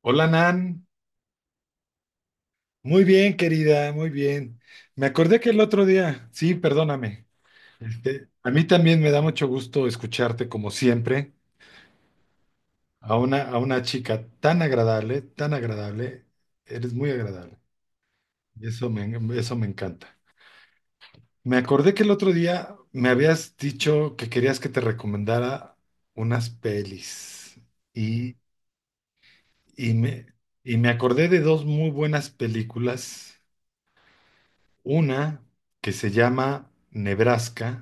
Hola Nan, muy bien querida, muy bien. Me acordé que el otro día, sí, perdóname. A mí también me da mucho gusto escucharte como siempre, a una chica tan agradable, tan agradable. Eres muy agradable. Y eso me encanta. Me acordé que el otro día me habías dicho que querías que te recomendara unas pelis y, y me, y me acordé de dos muy buenas películas. Una que se llama Nebraska,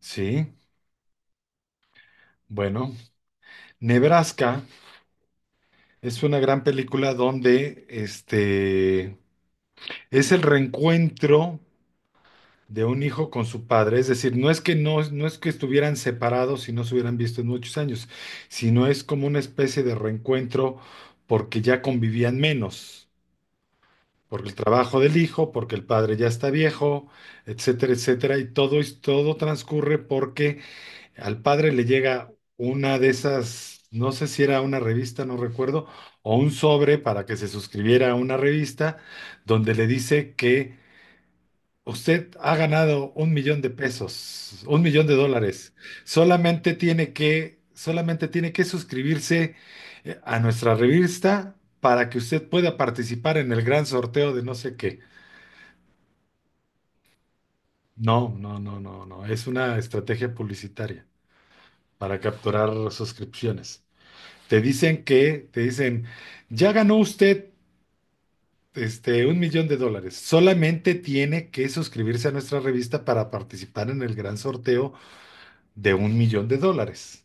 ¿sí? Bueno, Nebraska es una gran película donde es el reencuentro de un hijo con su padre, es decir, no es que estuvieran separados y no se hubieran visto en muchos años, sino es como una especie de reencuentro porque ya convivían menos, por el trabajo del hijo, porque el padre ya está viejo, etcétera, etcétera, y todo, todo transcurre porque al padre le llega una de esas, no sé si era una revista, no recuerdo, o un sobre para que se suscribiera a una revista donde le dice que usted ha ganado 1,000,000 pesos, $1,000,000. Solamente tiene que suscribirse a nuestra revista para que usted pueda participar en el gran sorteo de no sé qué. No, no, no, no, no. Es una estrategia publicitaria para capturar suscripciones. Te dicen, ya ganó usted $1,000,000. Solamente tiene que suscribirse a nuestra revista para participar en el gran sorteo de $1,000,000.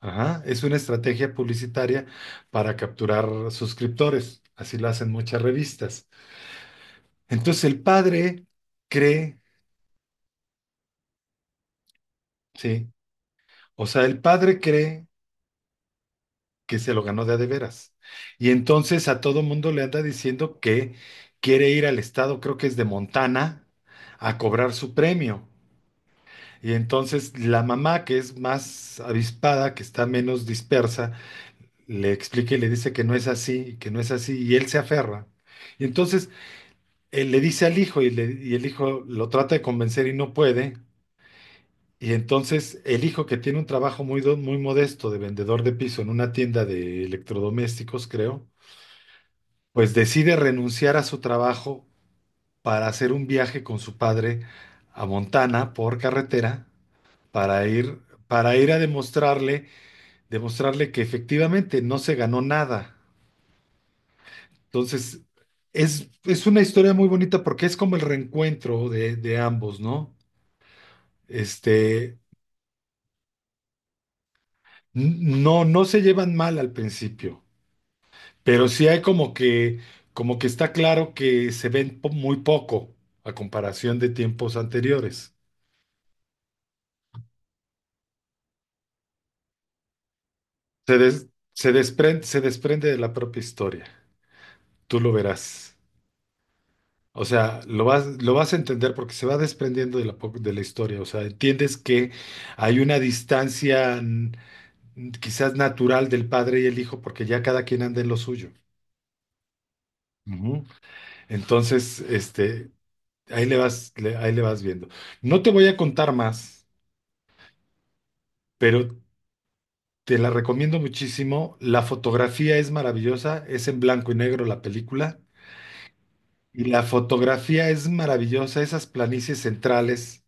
Ajá, es una estrategia publicitaria para capturar suscriptores. Así lo hacen muchas revistas. Entonces el padre cree, sí, o sea, el padre cree que se lo ganó de a de veras. Y entonces a todo mundo le anda diciendo que quiere ir al estado, creo que es de Montana, a cobrar su premio. Y entonces la mamá, que es más avispada, que está menos dispersa, le explica y le dice que no es así, que no es así, y él se aferra. Y entonces él le dice al hijo y el hijo lo trata de convencer y no puede. Y entonces el hijo que tiene un trabajo muy modesto de vendedor de piso en una tienda de electrodomésticos, creo, pues decide renunciar a su trabajo para hacer un viaje con su padre a Montana por carretera para ir para ir a demostrarle que efectivamente no se ganó nada. Entonces, es una historia muy bonita porque es como el reencuentro de ambos, ¿no? Este, no, se llevan mal al principio, pero sí hay como que está claro que se ven muy poco a comparación de tiempos anteriores. Se, des- se desprende de la propia historia. Tú lo verás. O sea, lo vas a entender porque se va desprendiendo de la historia. O sea, entiendes que hay una distancia quizás natural del padre y el hijo porque ya cada quien anda en lo suyo. Ujú. Entonces, ahí le vas viendo. No te voy a contar más, pero te la recomiendo muchísimo. La fotografía es maravillosa. Es en blanco y negro la película. Y la fotografía es maravillosa, esas planicies centrales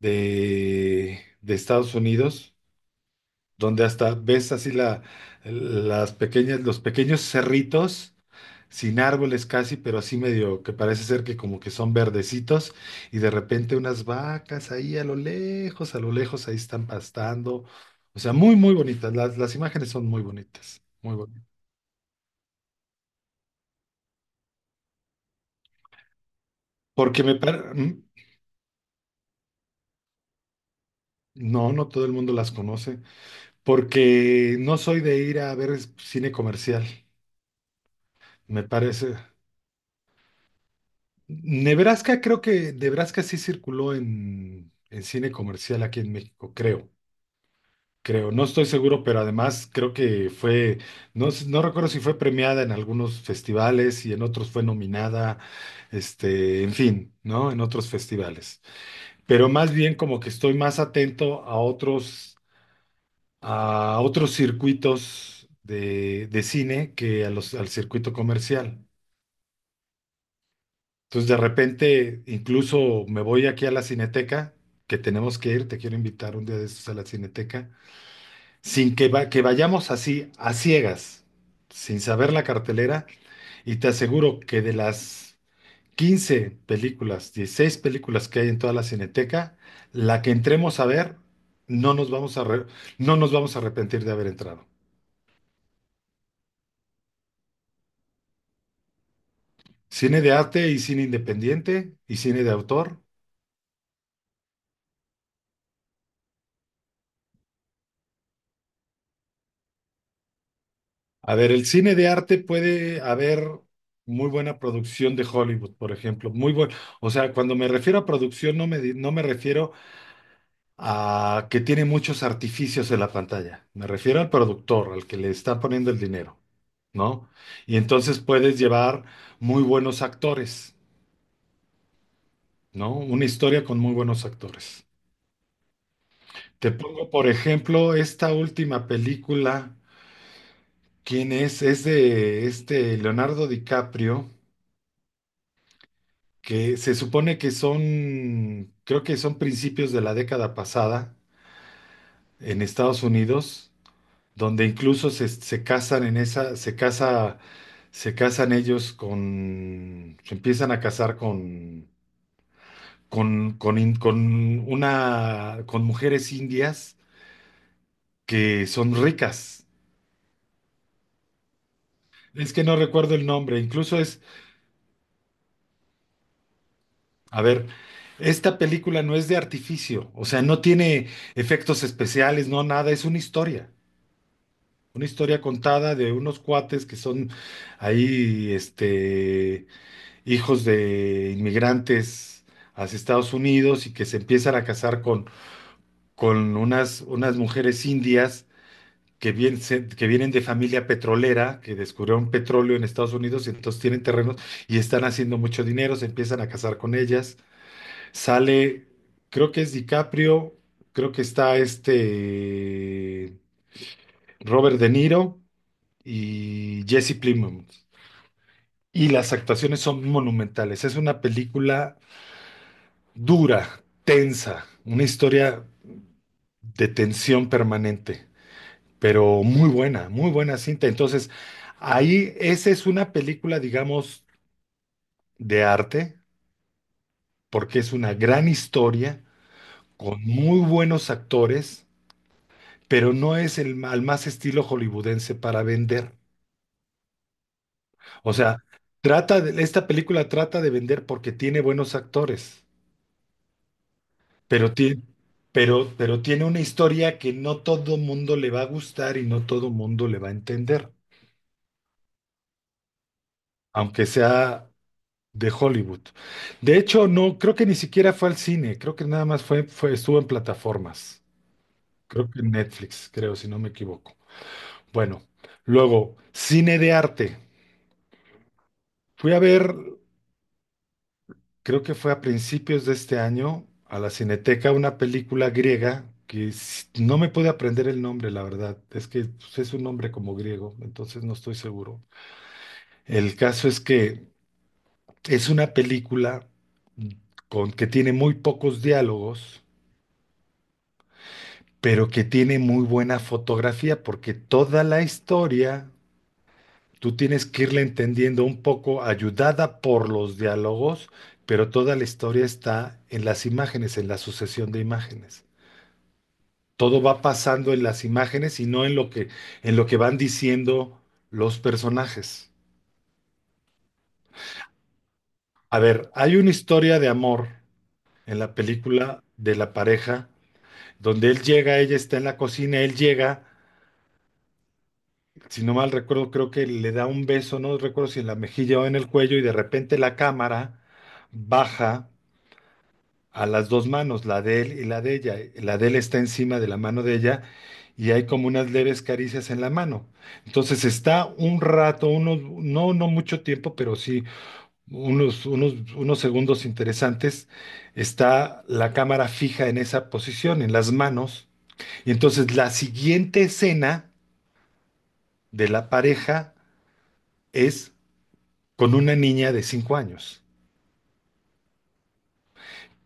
de Estados Unidos, donde hasta ves así los pequeños cerritos, sin árboles casi, pero así medio que parece ser que como que son verdecitos, y de repente unas vacas ahí a lo lejos ahí están pastando. O sea, muy, muy bonitas. Las imágenes son muy bonitas, muy bonitas. Porque me... par- mm, No, no todo el mundo las conoce. Porque no soy de ir a ver cine comercial, me parece. Nebraska, creo que Nebraska sí circuló en cine comercial aquí en México, creo. Creo, no estoy seguro, pero además creo que fue, no, no recuerdo si fue premiada en algunos festivales y en otros fue nominada, en fin, ¿no? En otros festivales. Pero más bien como que estoy más atento a otros circuitos de cine que al circuito comercial. Entonces, de repente, incluso me voy aquí a la Cineteca, que tenemos que ir, te quiero invitar un día de estos a la Cineteca, sin que vayamos así, a ciegas, sin saber la cartelera, y te aseguro que de las 15 películas, 16 películas que hay en toda la Cineteca, la que entremos a ver, no nos vamos a, re- no nos vamos a arrepentir de haber entrado. Cine de arte y cine independiente y cine de autor. A ver, el cine de arte puede haber muy buena producción de Hollywood, por ejemplo, muy buen, o sea, cuando me refiero a producción no me refiero a que tiene muchos artificios en la pantalla, me refiero al productor, al que le está poniendo el dinero, ¿no? Y entonces puedes llevar muy buenos actores, ¿no? Una historia con muy buenos actores. Te pongo, por ejemplo, esta última película. ¿Quién es? Es de Leonardo DiCaprio, que se supone que son, creo que son principios de la década pasada en Estados Unidos, donde incluso se casan en esa, se casa, se casan ellos con, se empiezan a casar con, in- con una, con mujeres indias que son ricas. Es que no recuerdo el nombre, incluso es. A ver, esta película no es de artificio, o sea, no tiene efectos especiales, no nada, es una historia, contada de unos cuates que son ahí, hijos de inmigrantes hacia Estados Unidos y que se empiezan a casar con, con unas mujeres indias que vienen de familia petrolera, que descubrieron petróleo en Estados Unidos y entonces tienen terrenos y están haciendo mucho dinero, se empiezan a casar con ellas. Sale, creo que es DiCaprio, creo que está Robert De Niro y Jesse Plemons. Y las actuaciones son monumentales. Es una película dura, tensa, una historia de tensión permanente, pero muy buena cinta. Entonces, ahí esa es una película, digamos, de arte, porque es una gran historia con muy buenos actores pero no es al más estilo hollywoodense para vender. O sea, trata de, esta película trata de vender porque tiene buenos actores, pero tiene, pero tiene una historia que no todo mundo le va a gustar y no todo mundo le va a entender, aunque sea de Hollywood. De hecho, no, creo que ni siquiera fue al cine, creo que nada más estuvo en plataformas. Creo que en Netflix, creo, si no me equivoco. Bueno, luego, cine de arte. Fui a ver creo que fue a principios de este año, a la Cineteca, una película griega que no me pude aprender el nombre, la verdad. Es que pues, es un nombre como griego, entonces no estoy seguro. El caso es que es una película mm, con que tiene muy pocos diálogos, pero que tiene muy buena fotografía, porque toda la historia tú tienes que irla entendiendo un poco, ayudada por los diálogos, pero toda la historia está en las imágenes, en la sucesión de imágenes. Todo va pasando en las imágenes y no en lo que van diciendo los personajes. A ver, hay una historia de amor en la película de la pareja, donde él llega, ella está en la cocina, él llega, si no mal recuerdo, creo que le da un beso, no recuerdo si en la mejilla o en el cuello, y de repente la cámara baja a las dos manos, la de él y la de ella. La de él está encima de la mano de ella y hay como unas leves caricias en la mano. Entonces está un rato, no, no mucho tiempo, pero sí unos segundos interesantes. Está la cámara fija en esa posición, en las manos. Y entonces la siguiente escena de la pareja es con una niña de 5 años.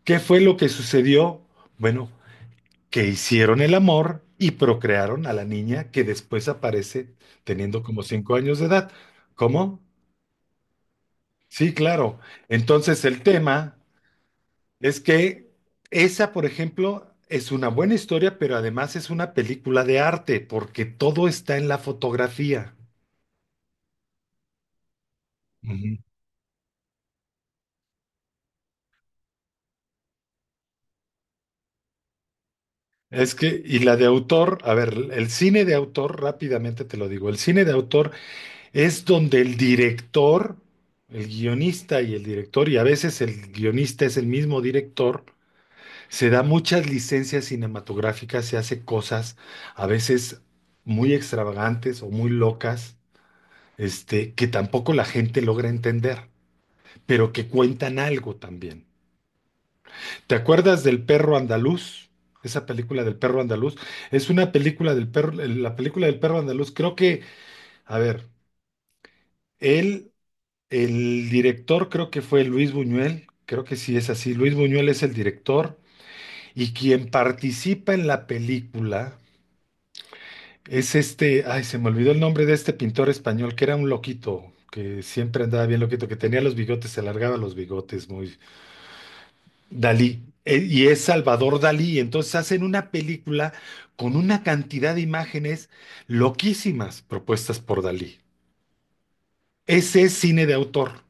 ¿Qué fue lo que sucedió? Bueno, que hicieron el amor y procrearon a la niña que después aparece teniendo como 5 años de edad. ¿Cómo? Sí, claro. Entonces el tema es que esa, por ejemplo, es una buena historia, pero además es una película de arte, porque todo está en la fotografía. Ujú. Es que, y la de autor, a ver, el cine de autor, rápidamente te lo digo, el cine de autor es donde el director, el guionista y el director, y a veces el guionista es el mismo director, se da muchas licencias cinematográficas, se hace cosas a veces muy extravagantes o muy locas, que tampoco la gente logra entender, pero que cuentan algo también. ¿Te acuerdas del perro andaluz? Esa película del perro andaluz es una película del perro, la película del perro andaluz. Creo que, a ver, él El director creo que fue Luis Buñuel, creo que sí es así. Luis Buñuel es el director y quien participa en la película es ay, se me olvidó el nombre de este pintor español que era un loquito, que siempre andaba bien loquito, que tenía los bigotes, se alargaba los bigotes, muy Dalí. Y es Salvador Dalí, entonces hacen una película con una cantidad de imágenes loquísimas propuestas por Dalí. Ese es cine de autor,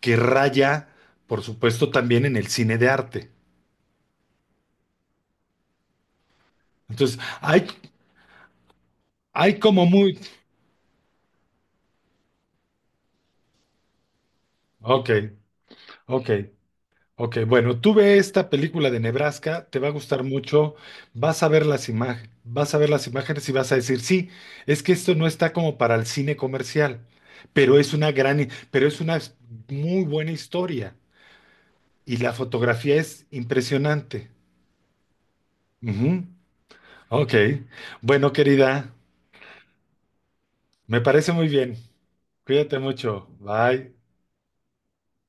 que raya, por supuesto, también en el cine de arte. Entonces, hay como muy. Ok, ok, ok. Bueno, tú ve esta película de Nebraska, te va a gustar mucho, vas a ver las imágenes, vas a ver las imágenes y vas a decir, sí, es que esto no está como para el cine comercial, pero es una muy buena historia y la fotografía es impresionante. Ujú. Ok. Bueno, querida, me parece muy bien. Cuídate mucho. Bye.